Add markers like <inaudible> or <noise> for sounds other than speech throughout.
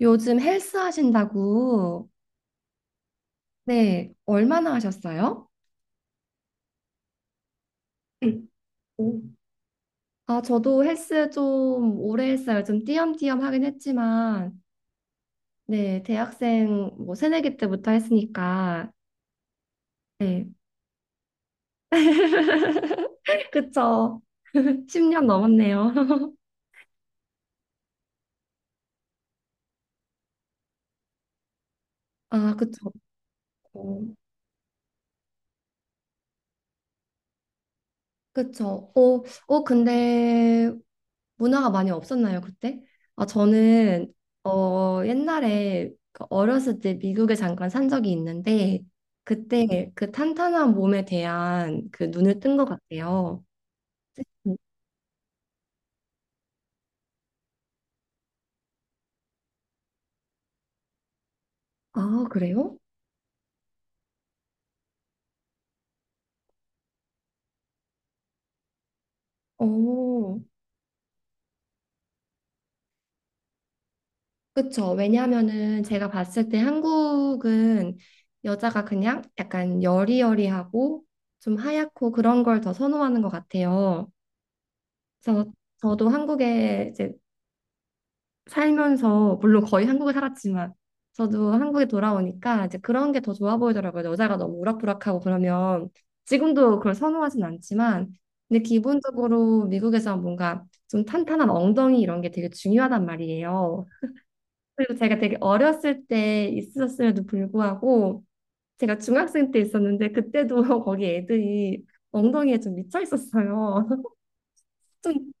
요즘 헬스 하신다고. 네, 얼마나 하셨어요? 응. 오. 아, 저도 헬스 좀 오래 했어요. 좀 띄엄띄엄 하긴 했지만, 네, 대학생 뭐 새내기 때부터 했으니까, 네, <laughs> 그쵸. <laughs> 10년 넘었네요. <laughs> 아, 그쵸. 어, 그쵸. 근데 문화가 많이 없었나요, 그때? 아, 저는 어, 옛날에 그 어렸을 때 미국에 잠깐 산 적이 있는데 그때 그 탄탄한 몸에 대한 그 눈을 뜬 것 같아요. 아, 그래요? 어, 그쵸. 왜냐하면은 제가 봤을 때 한국은 여자가 그냥 약간 여리여리하고 좀 하얗고 그런 걸 더 선호하는 것 같아요. 그래서 저도 한국에 이제 살면서 물론 거의 한국에 살았지만 저도 한국에 돌아오니까 이제 그런 게 더 좋아 보이더라고요. 여자가 너무 우락부락하고 그러면 지금도 그걸 선호하진 않지만 근데 기본적으로 미국에서 뭔가 좀 탄탄한 엉덩이 이런 게 되게 중요하단 말이에요. 그리고 제가 되게 어렸을 때 있었음에도 불구하고 제가 중학생 때 있었는데 그때도 <laughs> 거기 애들이 엉덩이에 좀 미쳐 있었어요. <laughs> 좀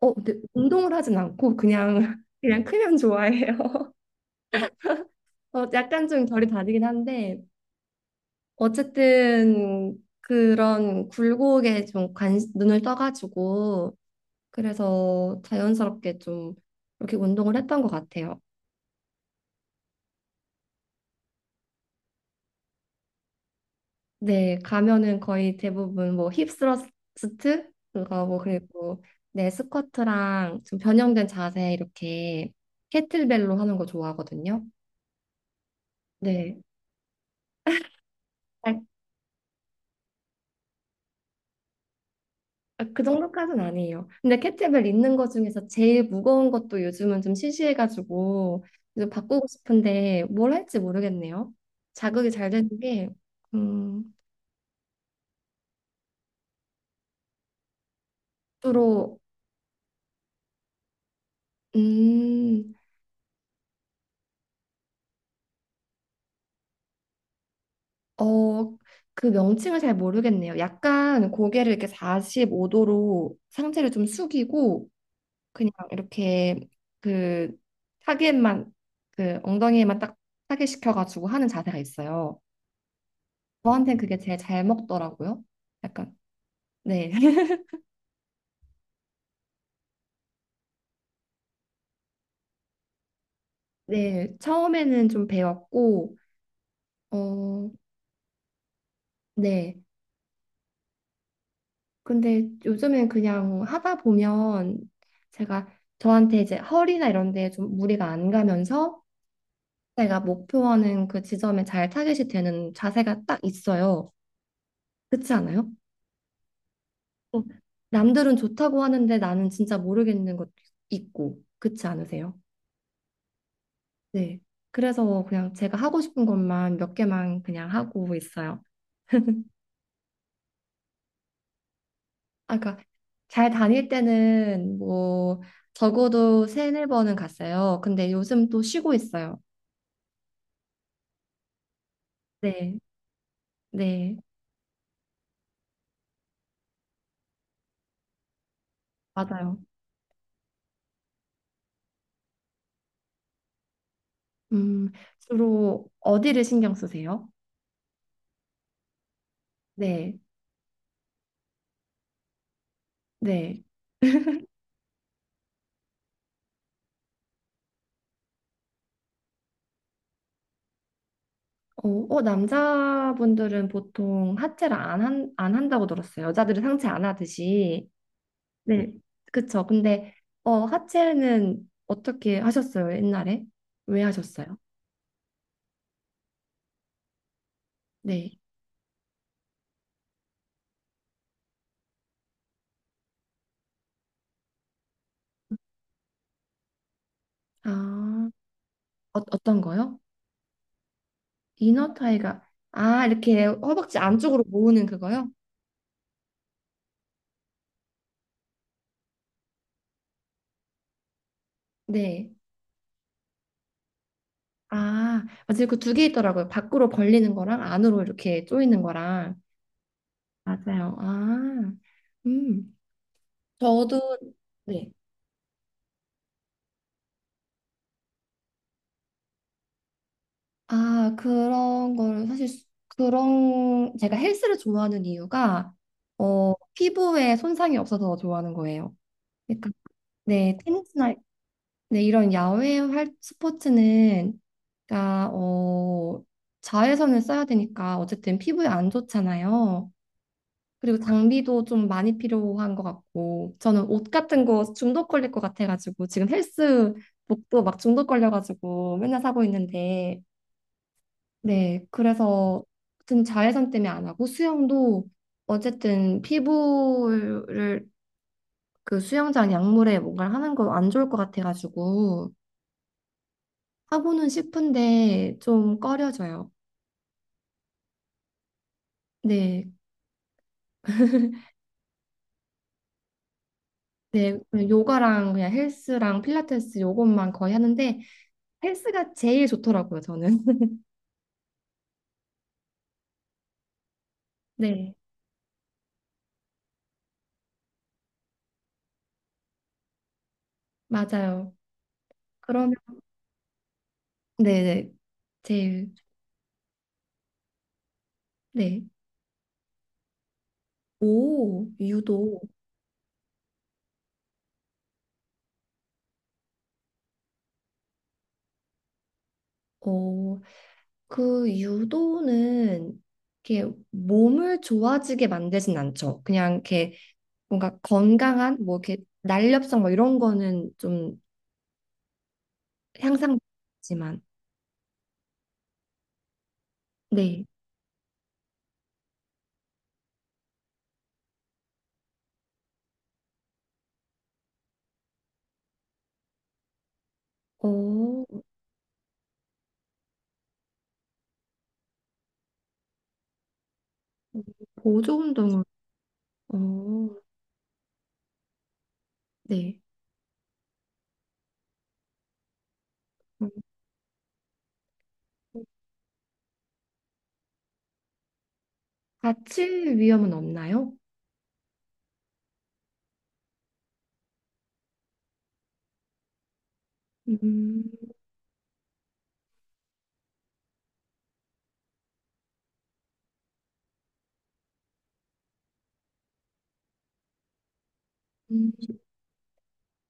어, 근데 운동을 하진 않고 그냥 크면 좋아해요. 어, 약간 좀 결이 다르긴 한데, 어쨌든 그런 굴곡에 좀 관, 눈을 떠가지고, 그래서 자연스럽게 좀 이렇게 운동을 했던 것 같아요. 네, 가면은 거의 대부분 뭐 힙스러스트? 그거 뭐 그리고 네, 스쿼트랑 좀 변형된 자세 이렇게 캐틀벨로 하는 거 좋아하거든요. 네. 아, 그 정도까지는 아니에요. 근데 캐트벨 있는 것 중에서 제일 무거운 것도 요즘은 좀 시시해가지고 좀 바꾸고 싶은데 뭘 할지 모르겠네요. 자극이 잘 되는 게 음, 주로 음, 어, 그 명칭을 잘 모르겠네요. 약간 고개를 이렇게 45도로 상체를 좀 숙이고 그냥 이렇게 그 타겟만 그 엉덩이에만 딱 타겟시켜가지고 하는 자세가 있어요. 저한텐 그게 제일 잘 먹더라고요. 약간, 네. <laughs> 네. 처음에는 좀 배웠고, 어, 네. 근데 요즘엔 그냥 하다 보면 제가 저한테 이제 허리나 이런 데에 좀 무리가 안 가면서 제가 목표하는 그 지점에 잘 타겟이 되는 자세가 딱 있어요. 그렇지 않아요? 어, 남들은 좋다고 하는데 나는 진짜 모르겠는 것도 있고, 그렇지 않으세요? 네. 그래서 그냥 제가 하고 싶은 것만 몇 개만 그냥 하고 있어요. 아, 그러니까 잘 다닐 때는 뭐 적어도 세네 번은 갔어요. 근데 요즘 또 쉬고 있어요. 네, 네, 맞아요. 음, 주로 어디를 신경 쓰세요? 네, 네. 어, 어, 남자분들은 보통 하체를 안 한다고 들었어요. 여자들은 상체 안 하듯이. 네, 그쵸. 근데 어, 하체는 어떻게 하셨어요? 옛날에? 왜 하셨어요? 네. 아, 어, 어떤 거요? 이너 타이가 아, 이렇게 허벅지 안쪽으로 모으는 그거요? 네. 아, 맞아요. 그 두 개 있더라고요. 밖으로 벌리는 거랑 안으로 이렇게 조이는 거랑 맞아요. 아, 음. 저도 네. 아, 그런 걸 사실 수- 그런 제가 헬스를 좋아하는 이유가 어, 피부에 손상이 없어서 좋아하는 거예요. 그러니까 네, 테니스나 근데 이런 야외 활 스포츠는 그러니까 어, 자외선을 써야 되니까 어쨌든 피부에 안 좋잖아요. 그리고 장비도 좀 많이 필요한 것 같고 저는 옷 같은 거 중독 걸릴 것 같아가지고 지금 헬스복도 막 중독 걸려가지고 맨날 사고 있는데 네, 그래서 아무튼 자외선 때문에 안 하고 수영도 어쨌든 피부를 그 수영장 약물에 뭔가를 하는 거 안 좋을 것 같아가지고 하고는 싶은데 좀 꺼려져요. 네. 네, 그냥 요가랑 그냥 헬스랑 필라테스 요것만 거의 하는데 헬스가 제일 좋더라고요, 저는. <laughs> 네, 맞아요. 그러면 네, 네. 제일 네. 오, 유도. 어, 그 유도는 이렇게 몸을 좋아지게 만들진 않죠. 그냥 이렇게 뭔가 건강한 뭐 이렇게 날렵성 뭐 이런 거는 좀 향상되지만 네. 어, 보조 운동은 어, 네. 음, 다칠 위험은 없나요? 음, 음.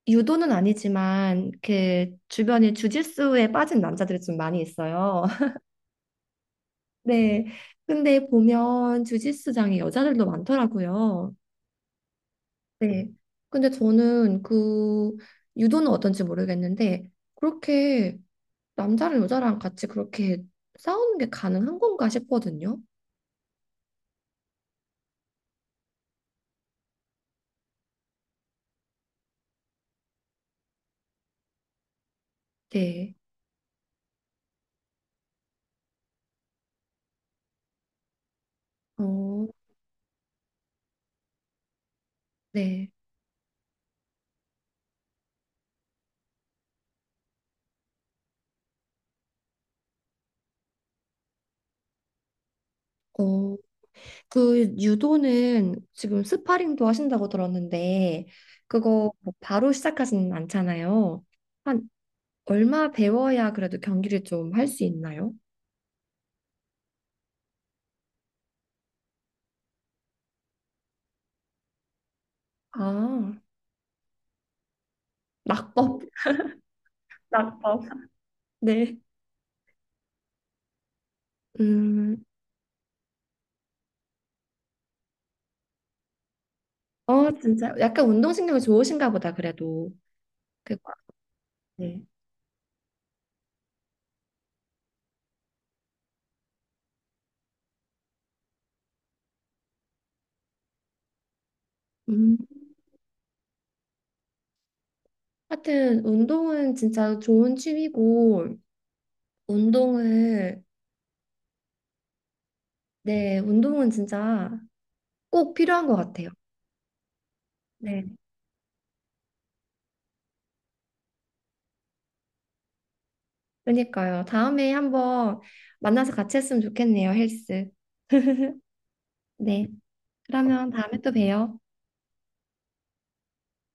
유도는 아니지만 그 주변에 주짓수에 빠진 남자들이 좀 많이 있어요. <laughs> 네. 근데 보면 주짓수장에 여자들도 많더라고요. 네. 근데 저는 그 유도는 어떤지 모르겠는데 그렇게 남자랑 여자랑 같이 그렇게 싸우는 게 가능한 건가 싶거든요. 네. 어, 네. 어. 그 유도는 지금 스파링도 하신다고 들었는데 그거 뭐 바로 시작하지는 않잖아요. 한 얼마 배워야 그래도 경기를 좀 할 수 있나요? 아, 낙법, 낙법. 네. 음, 어, 진짜 약간 운동신경이 좋으신가 보다 그래도. 그, 네. 음, 하여튼 운동은 진짜 좋은 취미고 운동을 네, 운동은 진짜 꼭 필요한 것 같아요. 네. 그러니까요. 다음에 한번 만나서 같이 했으면 좋겠네요, 헬스. 네. 그러면 다음에 또 봬요.